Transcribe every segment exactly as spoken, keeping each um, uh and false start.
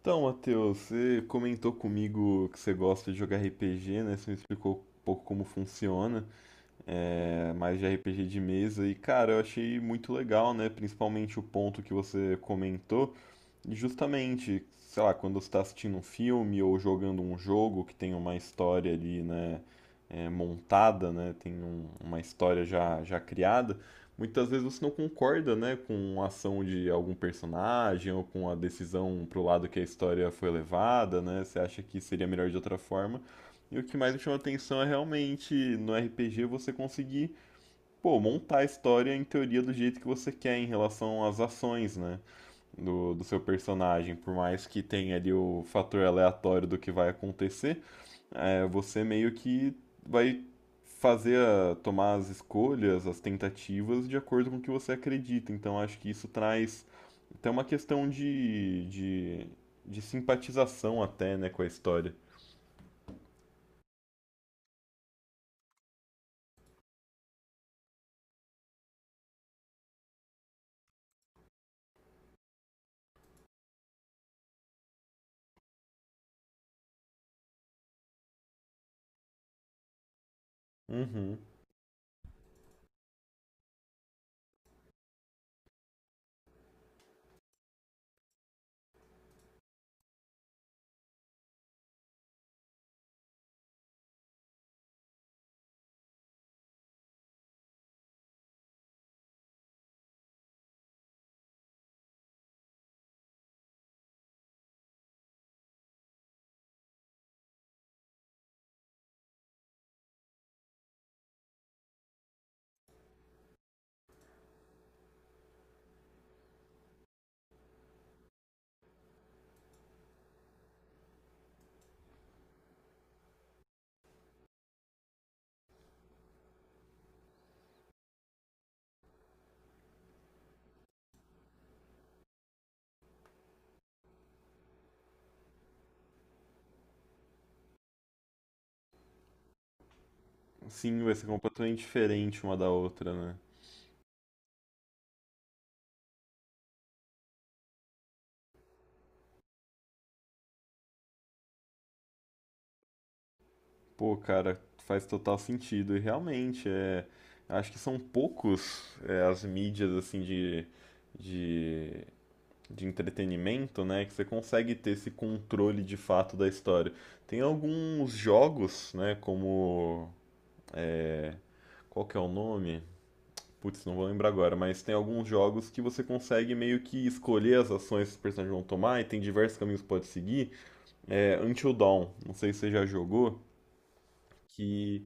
Então, Matheus, você comentou comigo que você gosta de jogar R P G, né? Você me explicou um pouco como funciona, é, mais de R P G de mesa. E, cara, eu achei muito legal, né? Principalmente o ponto que você comentou. E justamente, sei lá, quando você está assistindo um filme ou jogando um jogo que tem uma história ali, né, é, montada, né, tem um- uma história já, já criada, muitas vezes você não concorda, né, com a ação de algum personagem ou com a decisão pro lado que a história foi levada, né, você acha que seria melhor de outra forma. E o que mais me chama atenção é realmente no R P G você conseguir, pô, montar a história em teoria do jeito que você quer em relação às ações, né? do, do seu personagem, por mais que tenha ali o fator aleatório do que vai acontecer, é, você meio que vai fazer a- tomar as escolhas, as tentativas de acordo com o que você acredita. Então acho que isso traz até uma questão de, de, de simpatização até, né, com a história. Uhum. Sim, vai ser completamente diferente uma da outra, né? Pô, cara, faz total sentido. E realmente, é, acho que são poucos é, as mídias assim de, de, de entretenimento, né, que você consegue ter esse controle de fato da história. Tem alguns jogos, né, como qual que é o nome? Putz, não vou lembrar agora, mas tem alguns jogos que você consegue meio que escolher as ações que os personagens vão tomar e tem diversos caminhos que pode seguir. É, Until Dawn, não sei se você já jogou, que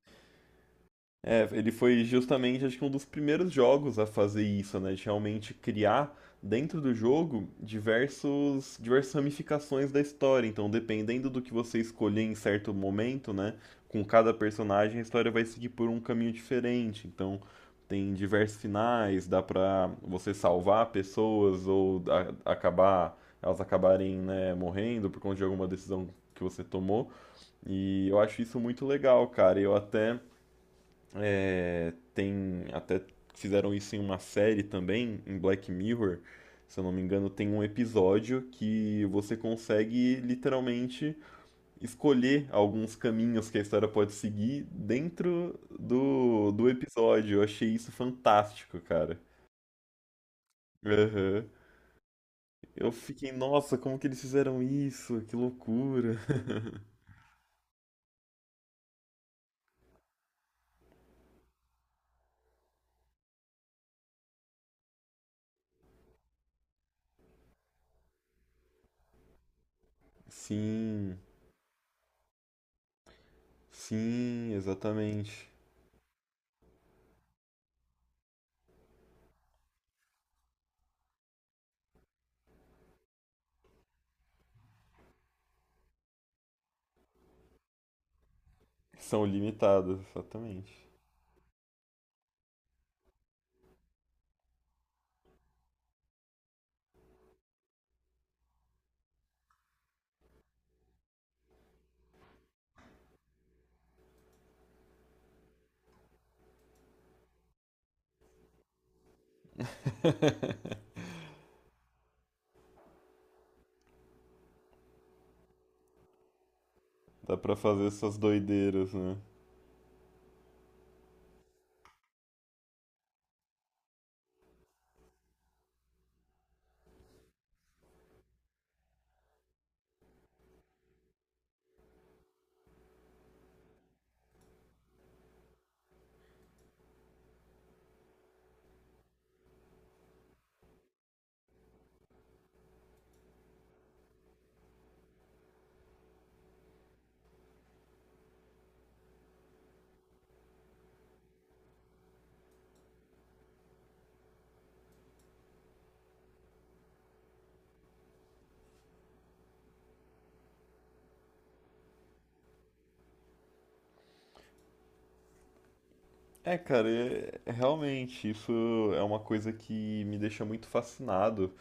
é, ele foi justamente, acho que um dos primeiros jogos a fazer isso, né? De realmente criar dentro do jogo diversos, diversas ramificações da história. Então, dependendo do que você escolher em certo momento, né? Com cada personagem, a história vai seguir por um caminho diferente. Então, tem diversos finais, dá pra você salvar pessoas ou a- acabar, elas acabarem, né, morrendo por conta de alguma decisão que você tomou. E eu acho isso muito legal, cara. Eu até é, tem até Fizeram isso em uma série também, em Black Mirror, se eu não me engano, tem um episódio que você consegue literalmente escolher alguns caminhos que a história pode seguir dentro do, do episódio. Eu achei isso fantástico, cara. Aham. Eu fiquei, nossa, como que eles fizeram isso? Que loucura. Sim, sim, exatamente. São limitados, exatamente. Dá pra fazer essas doideiras, né? É, cara, é- é realmente, isso é uma coisa que me deixa muito fascinado,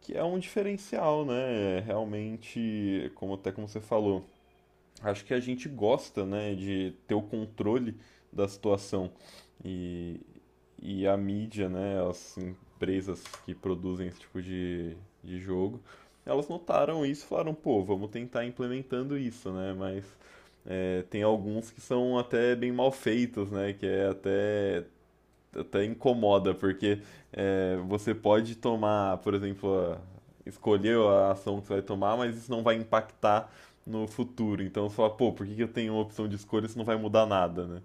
que é um diferencial, né? É realmente, como até como você falou, acho que a gente gosta, né, de ter o controle da situação. E, e a mídia, né, as empresas que produzem esse tipo de, de jogo, elas notaram isso e falaram, pô, vamos tentar implementando isso, né, mas é, tem alguns que são até bem mal feitos, né, que é até até incomoda, porque é, você pode tomar, por exemplo, a- escolher a ação que você vai tomar, mas isso não vai impactar no futuro. Então você fala, pô, por que que eu tenho uma opção de escolha se não vai mudar nada, né?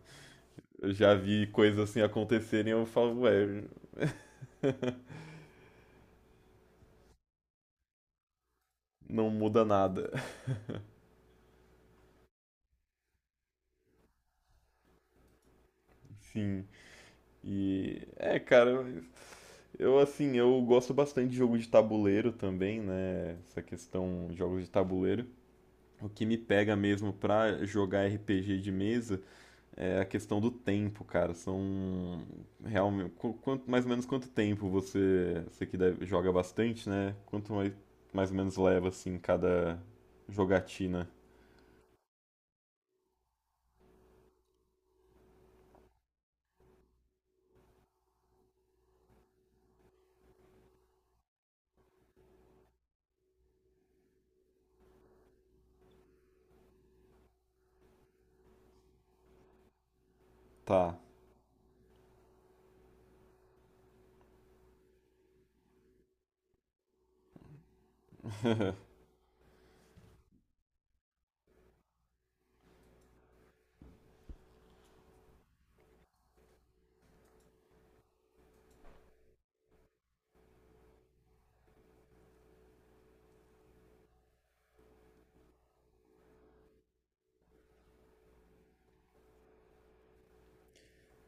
Eu já vi coisas assim acontecerem e eu falo, ué, não muda nada. Sim. E é, cara, mas eu assim, eu gosto bastante de jogo de tabuleiro também, né? Essa questão de jogos de tabuleiro. O que me pega mesmo pra jogar R P G de mesa é a questão do tempo, cara. São realmente quanto mais ou menos quanto tempo você você que deve- joga bastante, né? Quanto mais mais ou menos leva assim cada jogatina. Tá,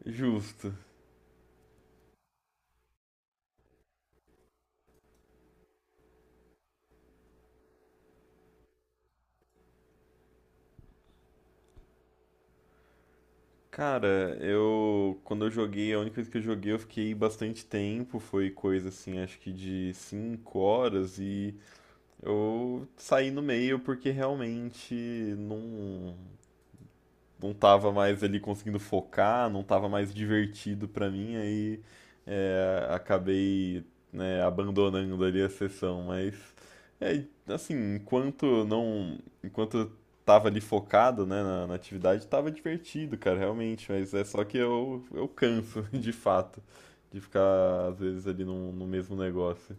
justo. Cara, eu quando eu joguei, a única vez que eu joguei, eu fiquei bastante tempo, foi coisa assim, acho que de cinco horas e eu saí no meio porque realmente não não tava mais ali conseguindo focar, não tava mais divertido pra mim, aí é, acabei, né, abandonando ali a sessão, mas é, assim, enquanto não, enquanto eu tava ali focado, né, na, na atividade, tava divertido, cara, realmente, mas é só que eu, eu canso, de fato, de ficar, às vezes, ali no, no mesmo negócio.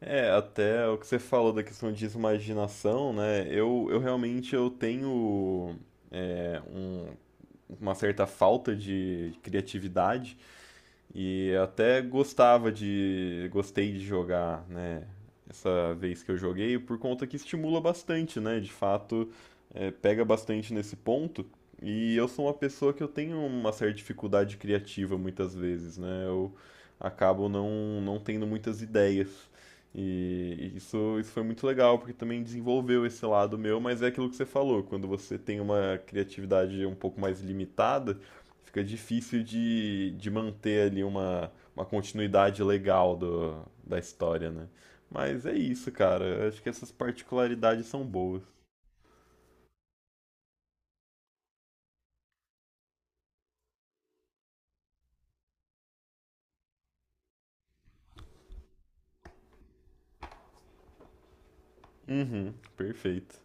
É, até o que você falou da questão de imaginação, né, eu, eu realmente, eu tenho é, um, uma certa falta de criatividade. E até gostava de. Gostei de jogar, né? Essa vez que eu joguei, por conta que estimula bastante, né? De fato, é, pega bastante nesse ponto. E eu sou uma pessoa que eu tenho uma certa dificuldade criativa muitas vezes, né? Eu acabo não, não tendo muitas ideias. E isso, isso foi muito legal, porque também desenvolveu esse lado meu, mas é aquilo que você falou, quando você tem uma criatividade um pouco mais limitada, fica difícil de, de manter ali uma, uma continuidade legal do, da história, né? Mas é isso, cara. Eu Acho que essas particularidades são boas. Uhum, perfeito.